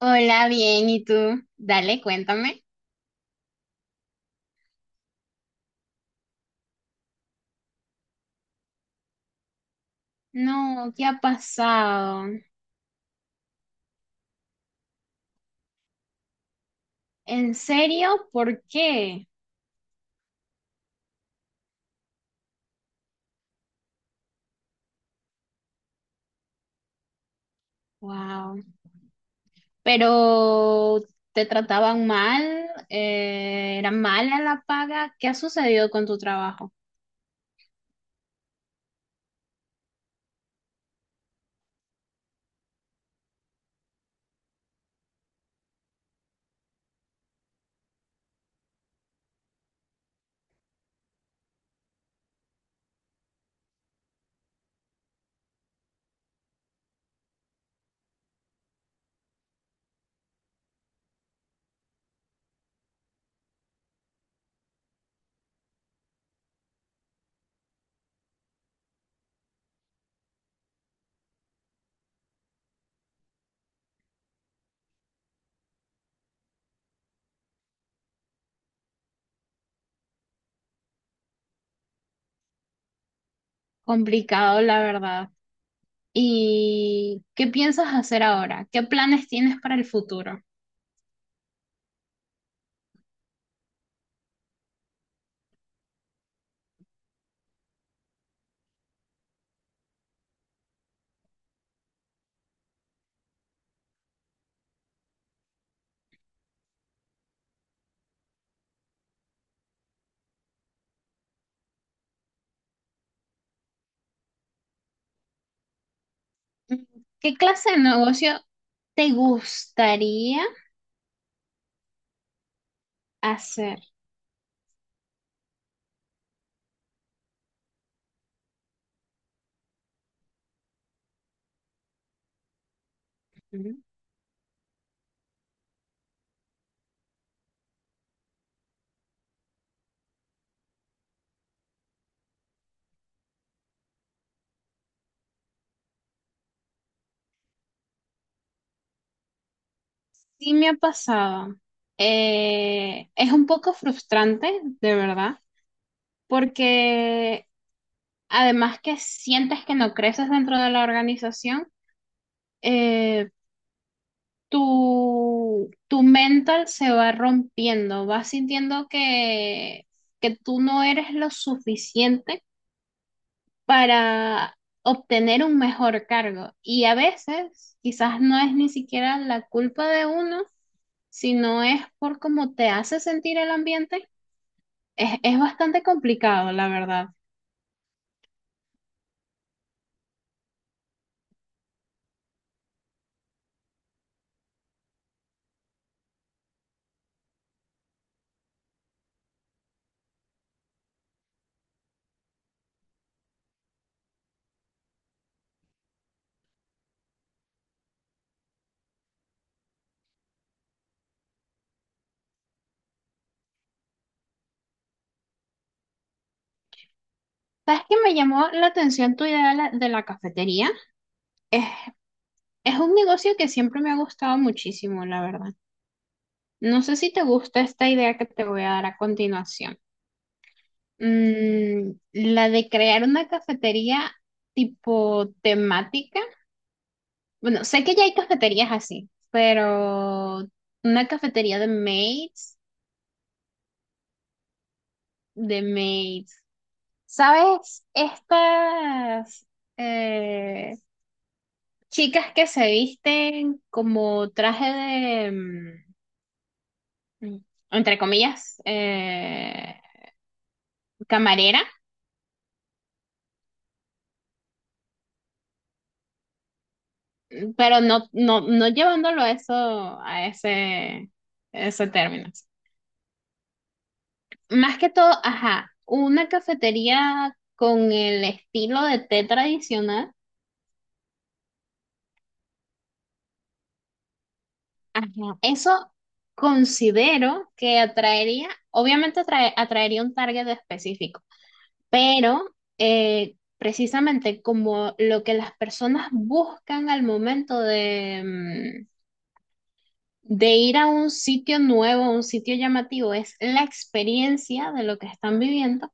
Hola, bien, ¿y tú? Dale, cuéntame. No, ¿qué ha pasado? ¿En serio? ¿Por qué? Wow. Pero te trataban mal, era mala la paga. ¿Qué ha sucedido con tu trabajo? Complicado, la verdad. ¿Y qué piensas hacer ahora? ¿Qué planes tienes para el futuro? ¿Qué clase de negocio te gustaría hacer? Sí me ha pasado. Es un poco frustrante, de verdad, porque además que sientes que no creces dentro de la organización, eh, tu mental se va rompiendo, vas sintiendo que tú no eres lo suficiente para obtener un mejor cargo. Y a veces quizás no es ni siquiera la culpa de uno, sino es por cómo te hace sentir el ambiente. Es bastante complicado, la verdad. ¿Sabes qué me llamó la atención tu idea de la cafetería? Es, es un negocio que siempre me ha gustado muchísimo, la verdad. No sé si te gusta esta idea que te voy a dar a continuación. La de crear una cafetería tipo temática. Bueno, sé que ya hay cafeterías así, pero una cafetería de maids, de maids. ¿Sabes? Eh, Chicas que se visten como traje de, entre comillas, camarera, pero no llevándolo a eso, a ese, ese término. Más que todo, ajá, una cafetería con el estilo de té tradicional, ajá, eso considero que atraería, atraería un target específico. Pero precisamente como lo que las personas buscan al momento de de ir a un sitio nuevo, a un sitio llamativo, es la experiencia de lo que están viviendo.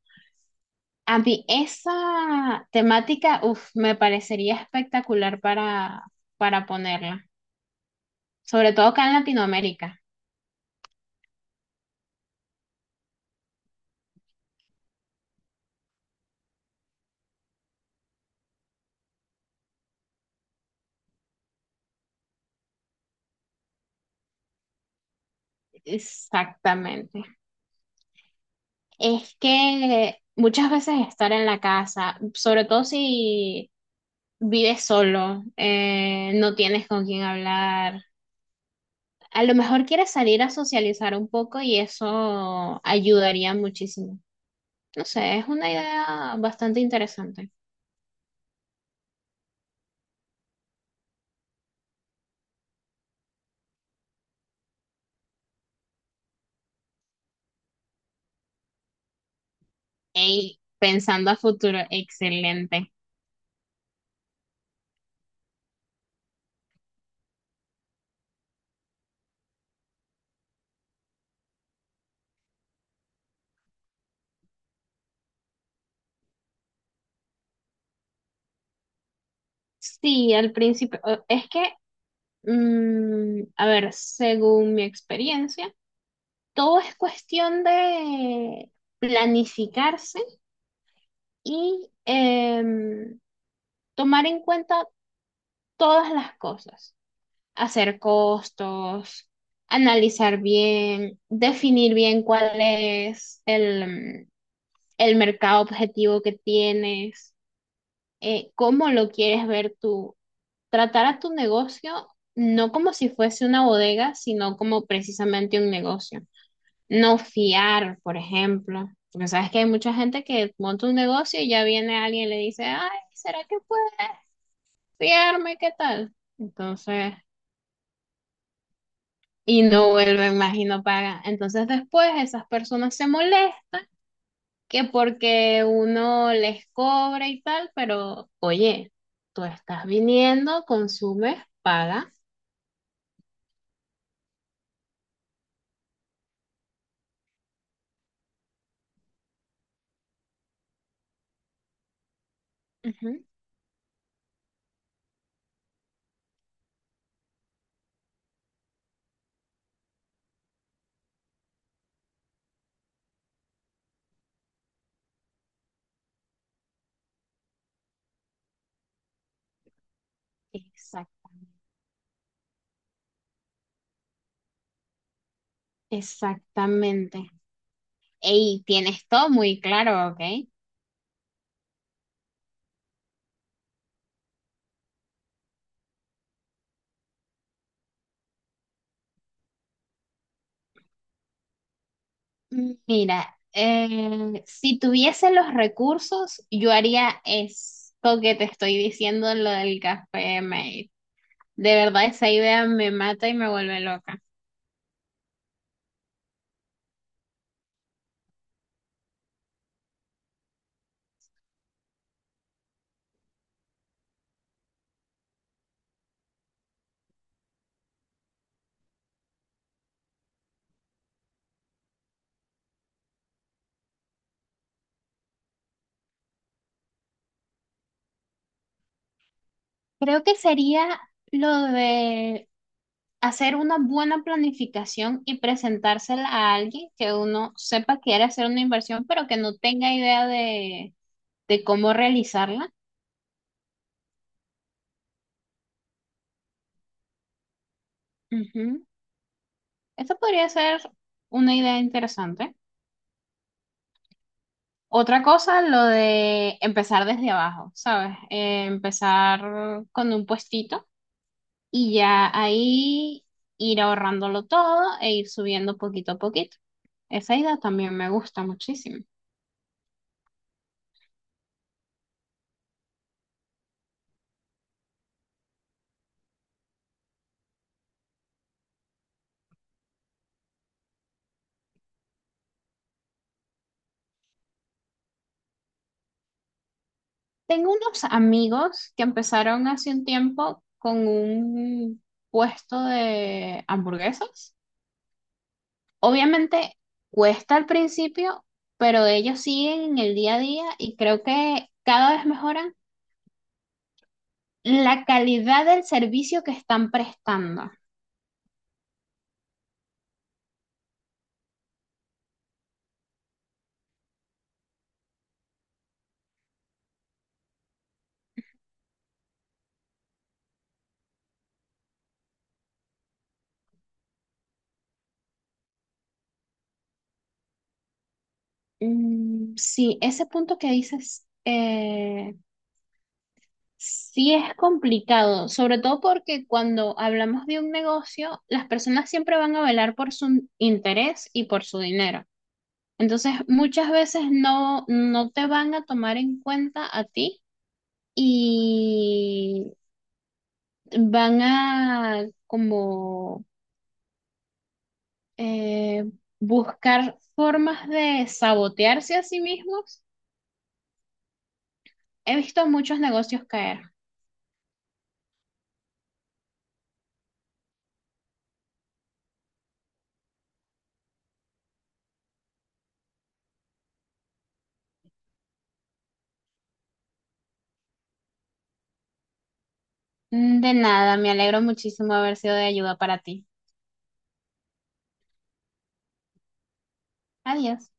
A mí esa temática, uf, me parecería espectacular para ponerla, sobre todo acá en Latinoamérica. Exactamente. Es que muchas veces estar en la casa, sobre todo si vives solo, no tienes con quién hablar. A lo mejor quieres salir a socializar un poco y eso ayudaría muchísimo. No sé, es una idea bastante interesante. Ey, pensando a futuro, excelente. Sí, al principio, es que, a ver, según mi experiencia, todo es cuestión de planificarse y tomar en cuenta todas las cosas. Hacer costos, analizar bien, definir bien cuál es el, mm, el mercado objetivo que tienes, cómo lo quieres ver tú. Tratar a tu negocio no como si fuese una bodega, sino como precisamente un negocio. No fiar, por ejemplo. Porque sabes que hay mucha gente que monta un negocio y ya viene alguien y le dice, ay, ¿será que puedes fiarme? ¿Qué tal? Entonces, y no vuelven más y no pagan. Entonces después esas personas se molestan que porque uno les cobra y tal, pero oye, tú estás viniendo, consumes, pagas. Ujú. Exact- Exactamente. Y tienes todo muy claro, ¿ok? Mira, si tuviese los recursos, yo haría esto que te estoy diciendo, lo del café mate. De verdad, esa idea me mata y me vuelve loca. Creo que sería lo de hacer una buena planificación y presentársela a alguien que uno sepa quiere hacer una inversión, pero que no tenga idea de cómo realizarla. Ujú. Esa podría ser una idea interesante. Otra cosa, lo de empezar desde abajo, ¿sabes? Empezar con un puestito y ya ahí ir ahorrándolo todo e ir subiendo poquito a poquito. Esa idea también me gusta muchísimo. Tengo unos amigos que empezaron hace un tiempo con un puesto de hamburguesas. Obviamente cuesta al principio, pero ellos siguen en el día a día y creo que cada vez mejoran la calidad del servicio que están prestando. Sí, ese punto que dices, sí es complicado, sobre todo porque cuando hablamos de un negocio, las personas siempre van a velar por su interés y por su dinero. Entonces, muchas veces no te van a tomar en cuenta a ti y van a como eh, buscar formas de sabotearse a sí mismos. He visto muchos negocios caer. De nada, me alegro muchísimo haber sido de ayuda para ti. Adiós.